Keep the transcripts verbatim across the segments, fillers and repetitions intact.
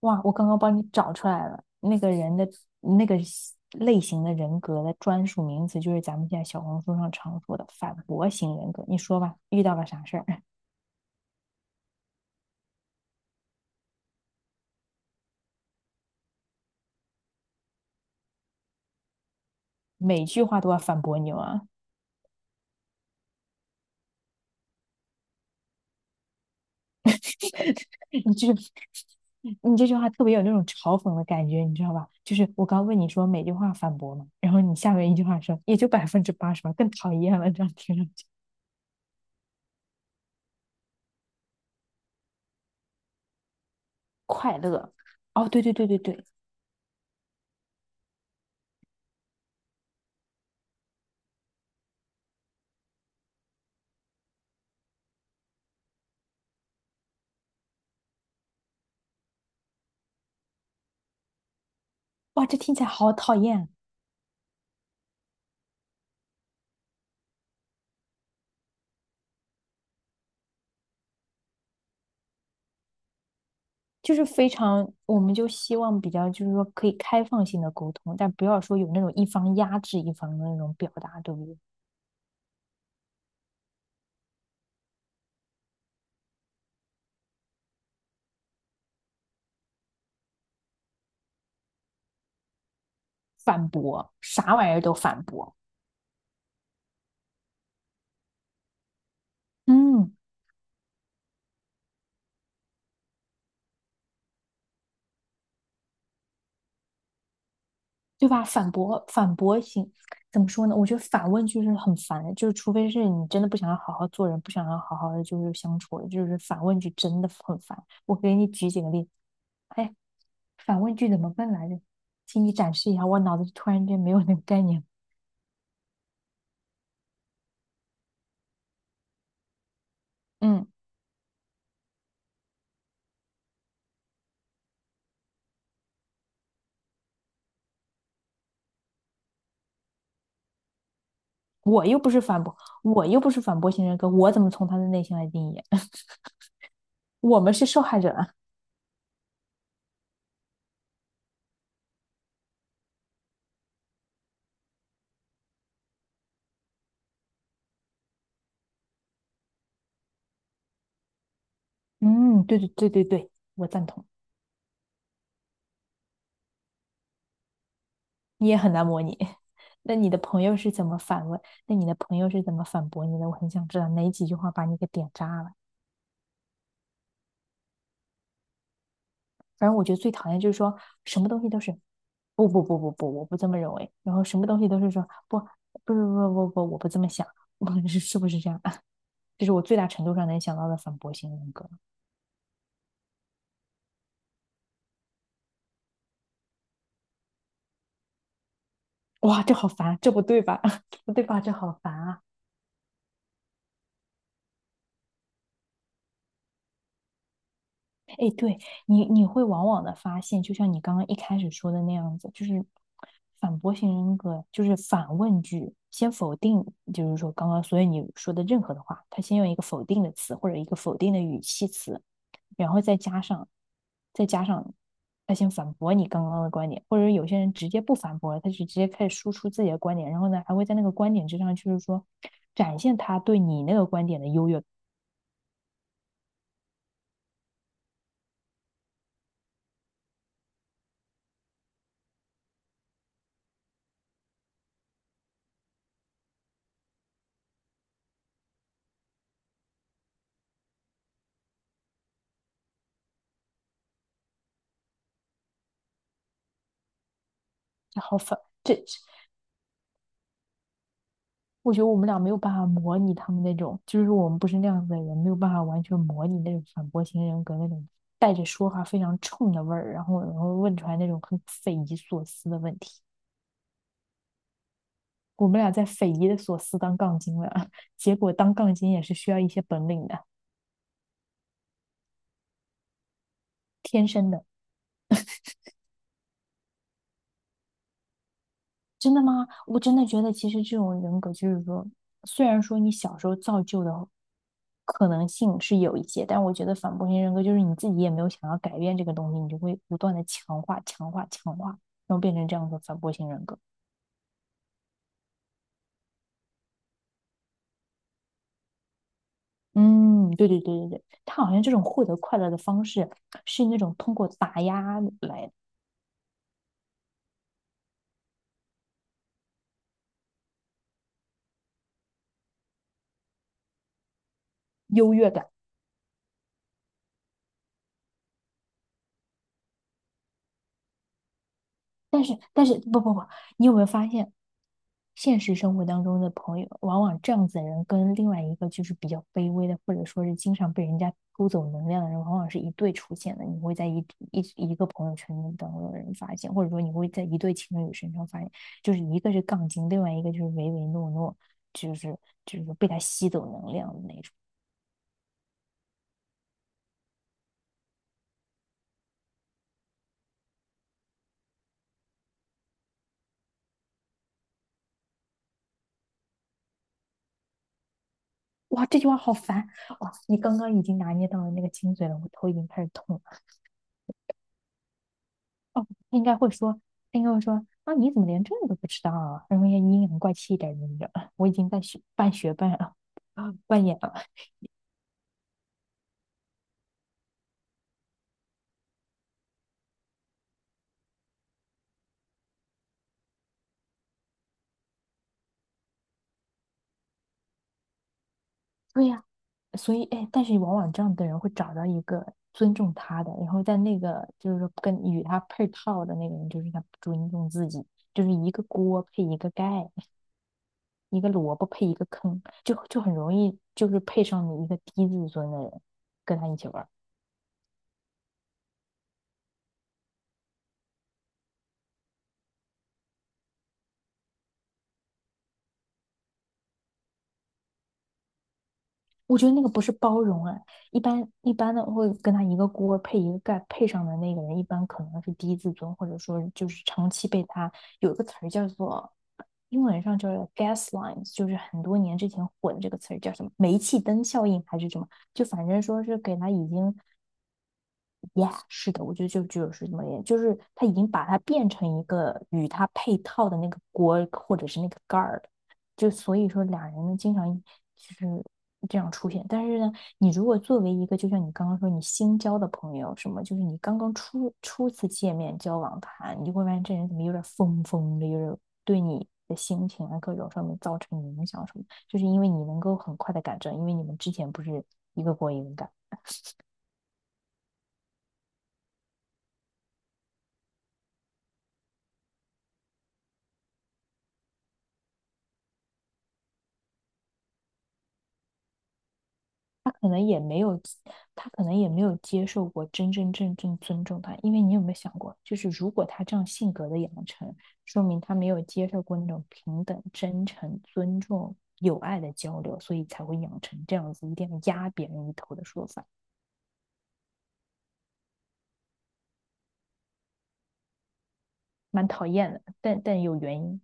哇，我刚刚帮你找出来了，那个人的那个西类型的人格的专属名词，就是咱们现在小红书上常说的反驳型人格。你说吧，遇到了啥事儿，每句话都要反驳你吗？你这你这句话特别有那种嘲讽的感觉，你知道吧？就是我刚问你说每句话反驳嘛，然后你下面一句话说也就百分之八十吧，更讨厌了，这样听上去。快乐，哦，对对对对对，哇，这听起来好讨厌。就是非常，我们就希望比较，就是说可以开放性的沟通，但不要说有那种一方压制一方的那种表达，对不对？反驳，啥玩意儿都反驳，嗯，对吧？反驳，反驳型，怎么说呢？我觉得反问句是很烦的，就是除非是你真的不想要好好做人，不想要好好的就是相处，就是反问句真的很烦。我给你举几个例子，哎，反问句怎么问来着？请你展示一下，我脑子突然间没有那个概念。嗯。我又不是反驳，我又不是反驳型人格，我怎么从他的内心来定义？我们是受害者。啊。嗯，对对对对对，我赞同。你也很难模拟。那你的朋友是怎么反问？那你的朋友是怎么反驳你的？我很想知道哪几句话把你给点炸了。反正我觉得最讨厌就是说什么东西都是不不不不不，我不这么认为。然后什么东西都是说不不不不不不，我不这么想。是是不是这样啊？这是我最大程度上能想到的反驳型人格。哇，这好烦，这不对吧？这不对吧？这好烦啊！哎，对你，你会往往的发现，就像你刚刚一开始说的那样子，就是反驳型人格，就是反问句，先否定，就是说刚刚所有你说的任何的话，他先用一个否定的词或者一个否定的语气词，然后再加上，再加上他先反驳你刚刚的观点，或者有些人直接不反驳了，他就直接开始输出自己的观点，然后呢，还会在那个观点之上，就是说展现他对你那个观点的优越好烦，这我觉得我们俩没有办法模拟他们那种，就是我们不是那样子的人，没有办法完全模拟那种反驳型人格那种带着说话非常冲的味儿，然后然后问出来那种很匪夷所思的问题。我们俩在匪夷的所思当杠精了，结果当杠精也是需要一些本领的，天生的。真的吗？我真的觉得，其实这种人格就是说，虽然说你小时候造就的可能性是有一些，但我觉得反驳型人格就是你自己也没有想要改变这个东西，你就会不断的强化、强化、强化，然后变成这样的反驳型人格。嗯，对对对对对，他好像这种获得快乐的方式是那种通过打压来优越感。但是但是不不不，你有没有发现，现实生活当中的朋友，往往这样子的人跟另外一个就是比较卑微的，或者说是经常被人家偷走能量的人，往往是一对出现的。你会在一一一个朋友圈当中的人发现，或者说你会在一对情侣身上发现，就是一个是杠精，另外一个就是唯唯诺诺，就是就是被他吸走能量的那种。哇，这句话好烦！哇，你刚刚已经拿捏到了那个精髓了，我头已经开始痛了。他应该会说，他应该会说啊，你怎么连这个都不知道啊？然后也阴阳怪气一点，你知道我已经在学半学半 啊扮演了。对呀，所以，哎，但是往往这样的人会找到一个尊重他的，然后在那个就是说跟与他配套的那个人，就是他不尊重自己，就是一个锅配一个盖，一个萝卜配一个坑，就就很容易就是配上你一个低自尊的人跟他一起玩我觉得那个不是包容啊，一般一般的会跟他一个锅配一个盖，配上的那个人一般可能是低自尊，或者说就是长期被他有一个词儿叫做英文上叫做 gaslight,就是很多年之前火的这个词儿叫什么煤气灯效应还是什么，就反正说是给他已经 y e a 是的，我觉得就就是这么点，就是他已经把它变成一个与它配套的那个锅或者是那个盖儿了，就所以说俩人呢经常就是这样出现。但是呢，你如果作为一个就像你刚刚说你新交的朋友什么，就是你刚刚初初次见面交往他，你就会发现这人怎么有点疯疯的，就是对你。的心情啊，各种上面造成影响什么，就是因为你能够很快的改正，因为你们之前不是一个锅一个盖。可能也没有，他可能也没有接受过真真正正尊重他，因为你有没有想过，就是如果他这样性格的养成，说明他没有接受过那种平等、真诚、尊重、友爱的交流，所以才会养成这样子一定要压别人一头的说法，蛮讨厌的，但但有原因。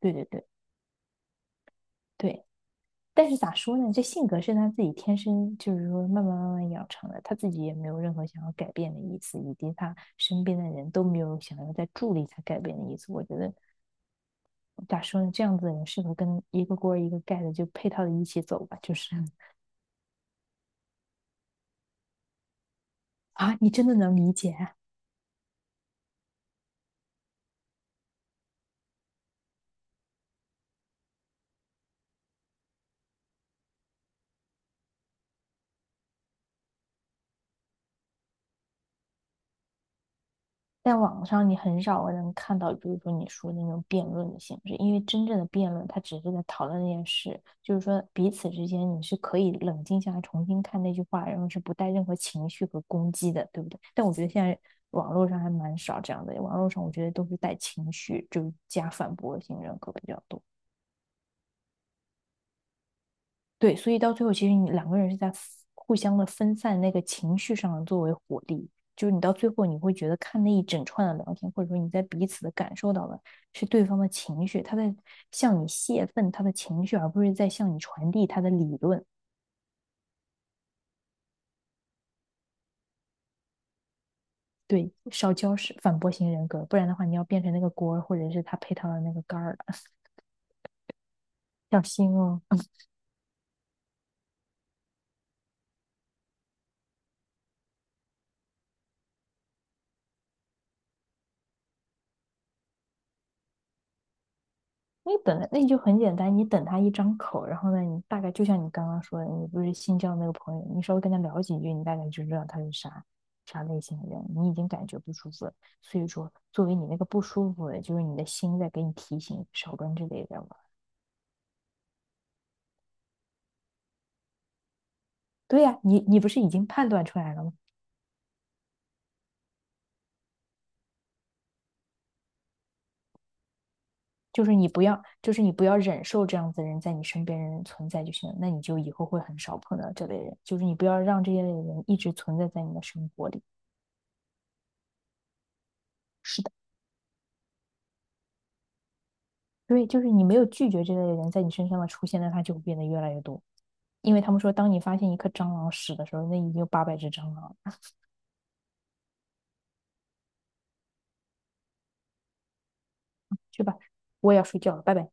对对对对。但是咋说呢？这性格是他自己天生，就是说慢慢慢慢养成的，他自己也没有任何想要改变的意思，以及他身边的人都没有想要再助力他改变的意思。我觉得咋说呢？这样子的人适合跟一个锅一个盖的就配套的一起走吧。就是啊，你真的能理解啊在网上你很少能看到，比如说你说的那种辩论的形式，因为真正的辩论，它只是在讨论那件事，就是说彼此之间你是可以冷静下来重新看那句话，然后是不带任何情绪和攻击的，对不对？但我觉得现在网络上还蛮少这样的，网络上我觉得都是带情绪，就是加反驳性人格比较多。对，所以到最后，其实你两个人是在互相的分散那个情绪上作为火力，就是你到最后你会觉得看那一整串的聊天，或者说你在彼此的感受到的是对方的情绪，他在向你泄愤他的情绪，而不是在向你传递他的理论。对，少交是反驳型人格，不然的话你要变成那个锅儿或者是他配套的那个杆儿了，小心哦。你等来，那你就很简单，你等他一张口，然后呢，你大概就像你刚刚说的，你不是新交那个朋友，你稍微跟他聊几句，你大概就知道他是啥啥类型的人，你已经感觉不舒服了。所以说，作为你那个不舒服的，就是你的心在给你提醒，少跟这类人玩。对呀，你你不是已经判断出来了吗？就是你不要，就是你不要忍受这样子的人在你身边人存在就行了，那你就以后会很少碰到这类人，就是你不要让这些类人一直存在在你的生活里。是的。对，就是你没有拒绝这类人在你身上的出现，那他就会变得越来越多。因为他们说，当你发现一颗蟑螂屎的时候，那已经有八百只蟑螂了。去吧，我也要睡觉了，拜拜。